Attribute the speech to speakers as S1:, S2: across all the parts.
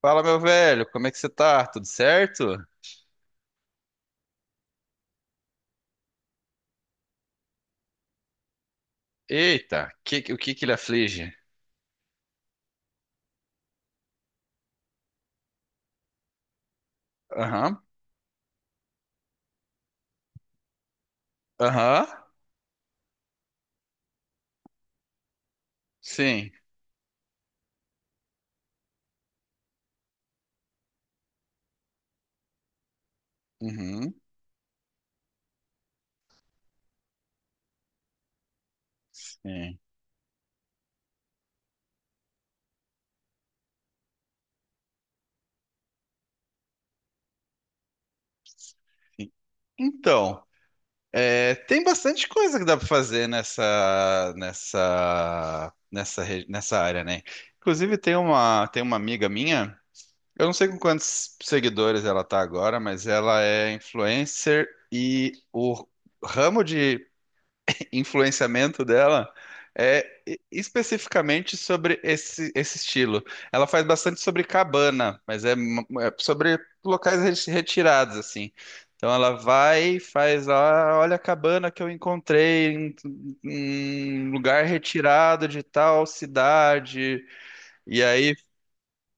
S1: Fala, meu velho, como é que você tá? Tudo certo? Eita, o que que ele aflige? Aham, aham, sim, uhum, sim, sim. Então, é, tem bastante coisa que dá pra fazer nessa área, né? Inclusive, tem uma amiga minha, eu não sei com quantos seguidores ela tá agora, mas ela é influencer e o ramo de influenciamento dela é especificamente sobre esse estilo. Ela faz bastante sobre cabana, mas é sobre locais retirados, assim. Então ela vai e faz ah olha a cabana que eu encontrei em um lugar retirado de tal cidade. E aí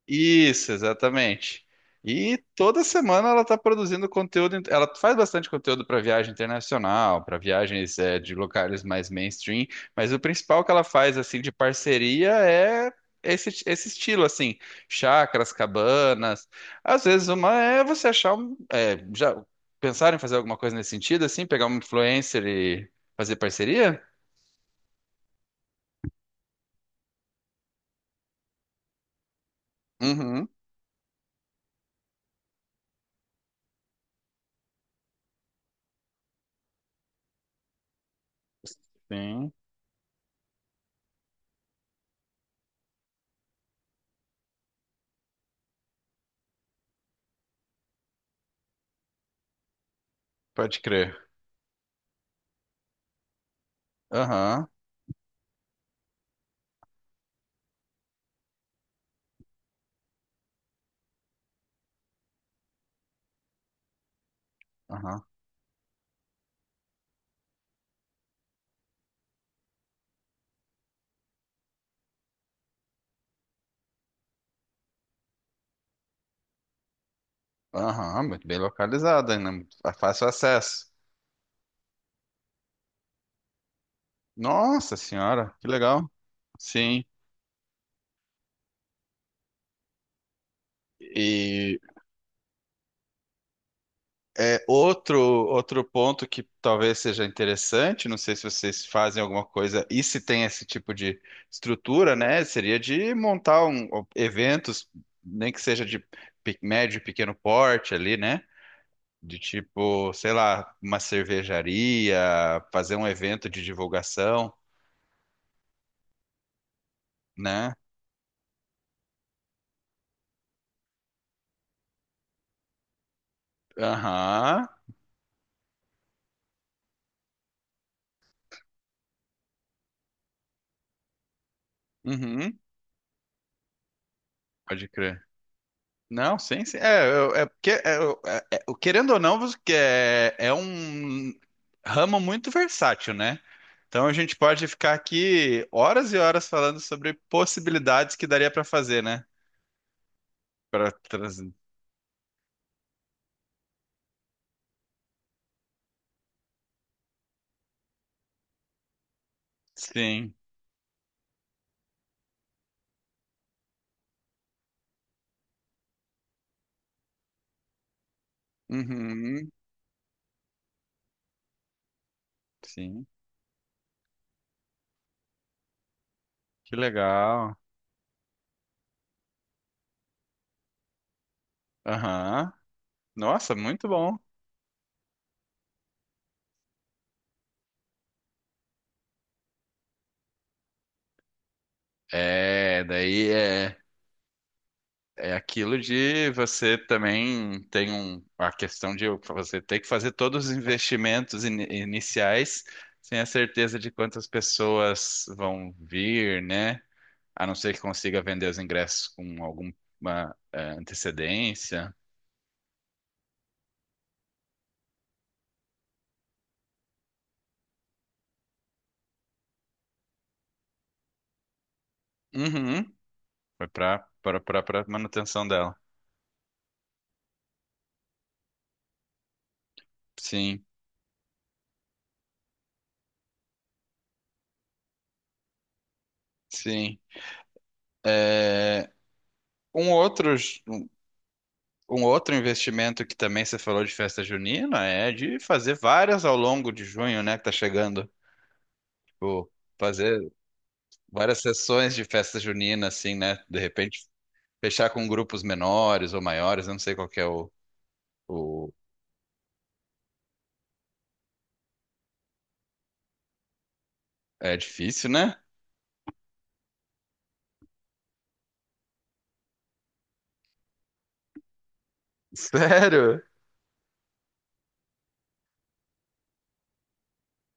S1: isso, exatamente. E toda semana ela está produzindo conteúdo. Ela faz bastante conteúdo para viagem internacional, para viagens eh, de locais mais mainstream. Mas o principal que ela faz assim de parceria é esse estilo assim, chácaras, cabanas. Às vezes uma é você achar um, eh, já pensaram em fazer alguma coisa nesse sentido assim, pegar um influencer e fazer parceria? Uhum. Sim, pode crer. Aham, aham. Aham, muito bem localizada, né? Muito fácil acesso. Nossa senhora, que legal. Sim. E é outro ponto que talvez seja interessante, não sei se vocês fazem alguma coisa e se tem esse tipo de estrutura, né? Seria de montar um, eventos, nem que seja de médio e pequeno porte ali, né? De tipo, sei lá, uma cervejaria, fazer um evento de divulgação, né? Aham. Uhum. Pode crer. Não, sim, sim. É, eu- é porque, é, eu- é- é- o- Querendo ou não, você que é, é um ramo muito versátil, né? Então a gente pode ficar aqui horas e horas falando sobre possibilidades que daria para fazer, né? Para trazer. Sim. Uhum. Sim. Que legal. Aham. Nossa, muito bom. É, daí é. É aquilo de você também tem um, a questão de você ter que fazer todos os investimentos iniciais sem a certeza de quantas pessoas vão vir, né? A não ser que consiga vender os ingressos com alguma eh, antecedência. Uhum. Foi para manutenção dela. Sim, sim. É, um outro um outro investimento que também você falou de festa junina é de fazer várias ao longo de junho, né, que tá chegando. Tipo, fazer várias sessões de festa junina, assim, né? De repente, fechar com grupos menores ou maiores, eu não sei qual que é o... É difícil, né? Sério?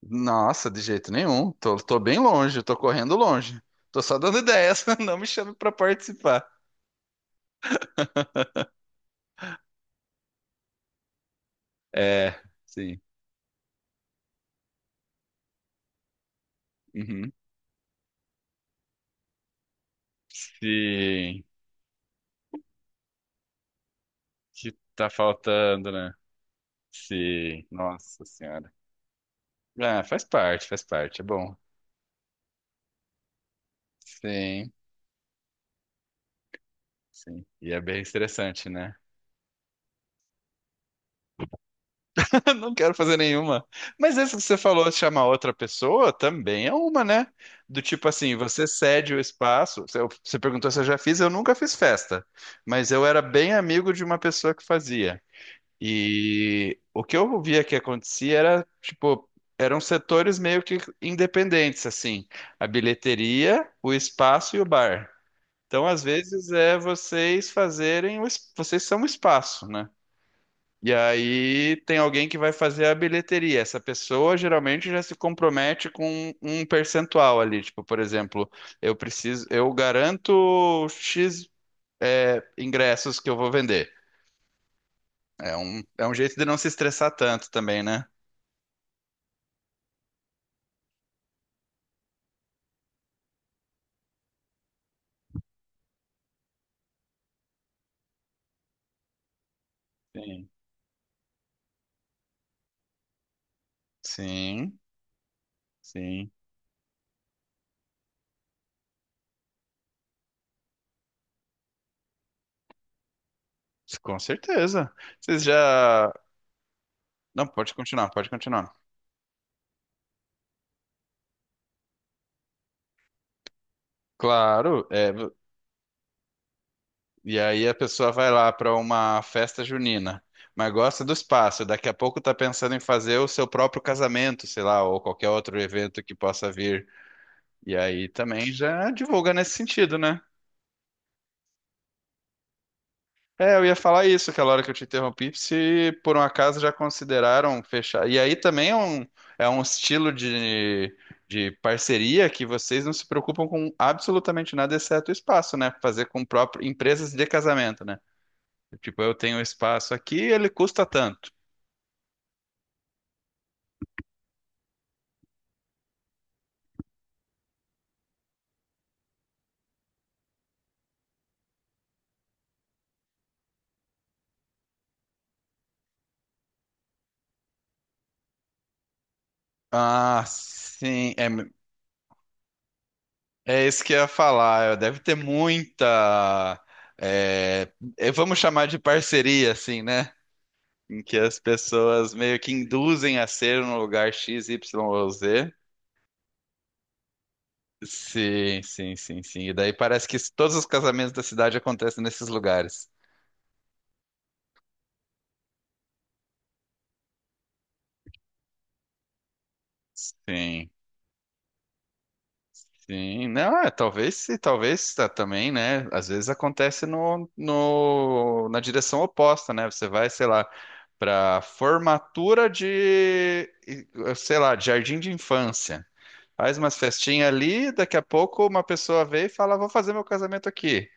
S1: Nossa, de jeito nenhum. Tô, tô bem longe, tô correndo longe. Tô só dando ideias, não me chame pra participar. É, sim. Uhum. Sim. Que tá faltando, né? Sim. Nossa senhora. Ah, faz parte, é bom. Sim, sim. E é bem estressante, né? Eu não quero fazer nenhuma. Mas esse que você falou, de chamar outra pessoa, também é uma, né? Do tipo assim, você cede o espaço. Você perguntou se eu já fiz, eu nunca fiz festa. Mas eu era bem amigo de uma pessoa que fazia. E o que eu via que acontecia era, tipo, eram setores meio que independentes, assim. A bilheteria, o espaço e o bar. Então, às vezes, é vocês fazerem, vocês são o espaço, né? E aí tem alguém que vai fazer a bilheteria. Essa pessoa geralmente já se compromete com um percentual ali. Tipo, por exemplo, eu preciso, eu garanto X, é, ingressos que eu vou vender. É um jeito de não se estressar tanto também, né? Sim. Sim, sim, com certeza. Vocês já. Não, pode continuar, pode continuar. Claro, é, e aí a pessoa vai lá para uma festa junina, mas gosta do espaço. Daqui a pouco tá pensando em fazer o seu próprio casamento, sei lá, ou qualquer outro evento que possa vir. E aí também já divulga nesse sentido, né? É, eu ia falar isso aquela hora que eu te interrompi, se por um acaso já consideraram fechar. E aí também é um estilo de parceria que vocês não se preocupam com absolutamente nada, exceto o espaço, né? Fazer com próprio, empresas de casamento, né? Tipo, eu tenho um espaço aqui, ele custa tanto. Ah, sim, é, é isso que eu ia falar. Deve ter muita, vamos chamar de parceria, assim, né? Em que as pessoas meio que induzem a ser no lugar X, Y ou Z. Sim, sim, sim, sim. E daí parece que todos os casamentos da cidade acontecem nesses lugares. Sim. Sim, não, é, talvez, talvez tá, também, né? Às vezes acontece no, no, na direção oposta, né? Você vai, sei lá, para formatura de, sei lá, de jardim de infância. Faz umas festinhas ali, daqui a pouco uma pessoa vê e fala, vou fazer meu casamento aqui.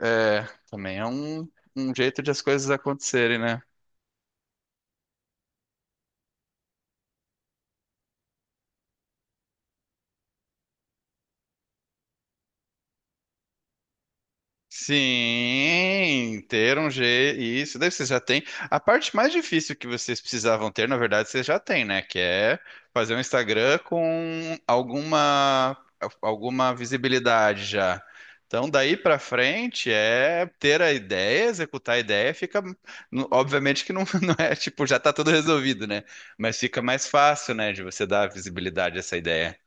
S1: É, também é um jeito de as coisas acontecerem, né? Sim, ter um G, isso, daí você já tem. A parte mais difícil que vocês precisavam ter, na verdade, vocês já têm, né? Que é fazer um Instagram com alguma visibilidade já. Então, daí pra frente é ter a ideia, executar a ideia, fica. Obviamente que não, não é tipo, já tá tudo resolvido, né? Mas fica mais fácil, né, de você dar visibilidade a essa ideia.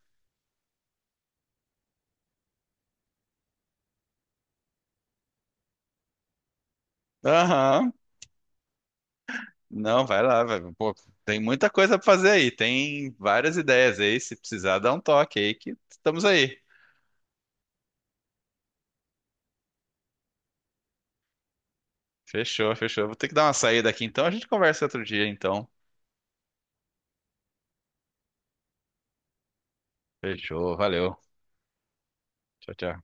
S1: Aham. Não, vai lá, vai. Pô, tem muita coisa pra fazer aí. Tem várias ideias aí. Se precisar, dá um toque aí que estamos aí. Fechou, fechou. Vou ter que dar uma saída aqui então. A gente conversa outro dia então. Fechou, valeu. Tchau, tchau.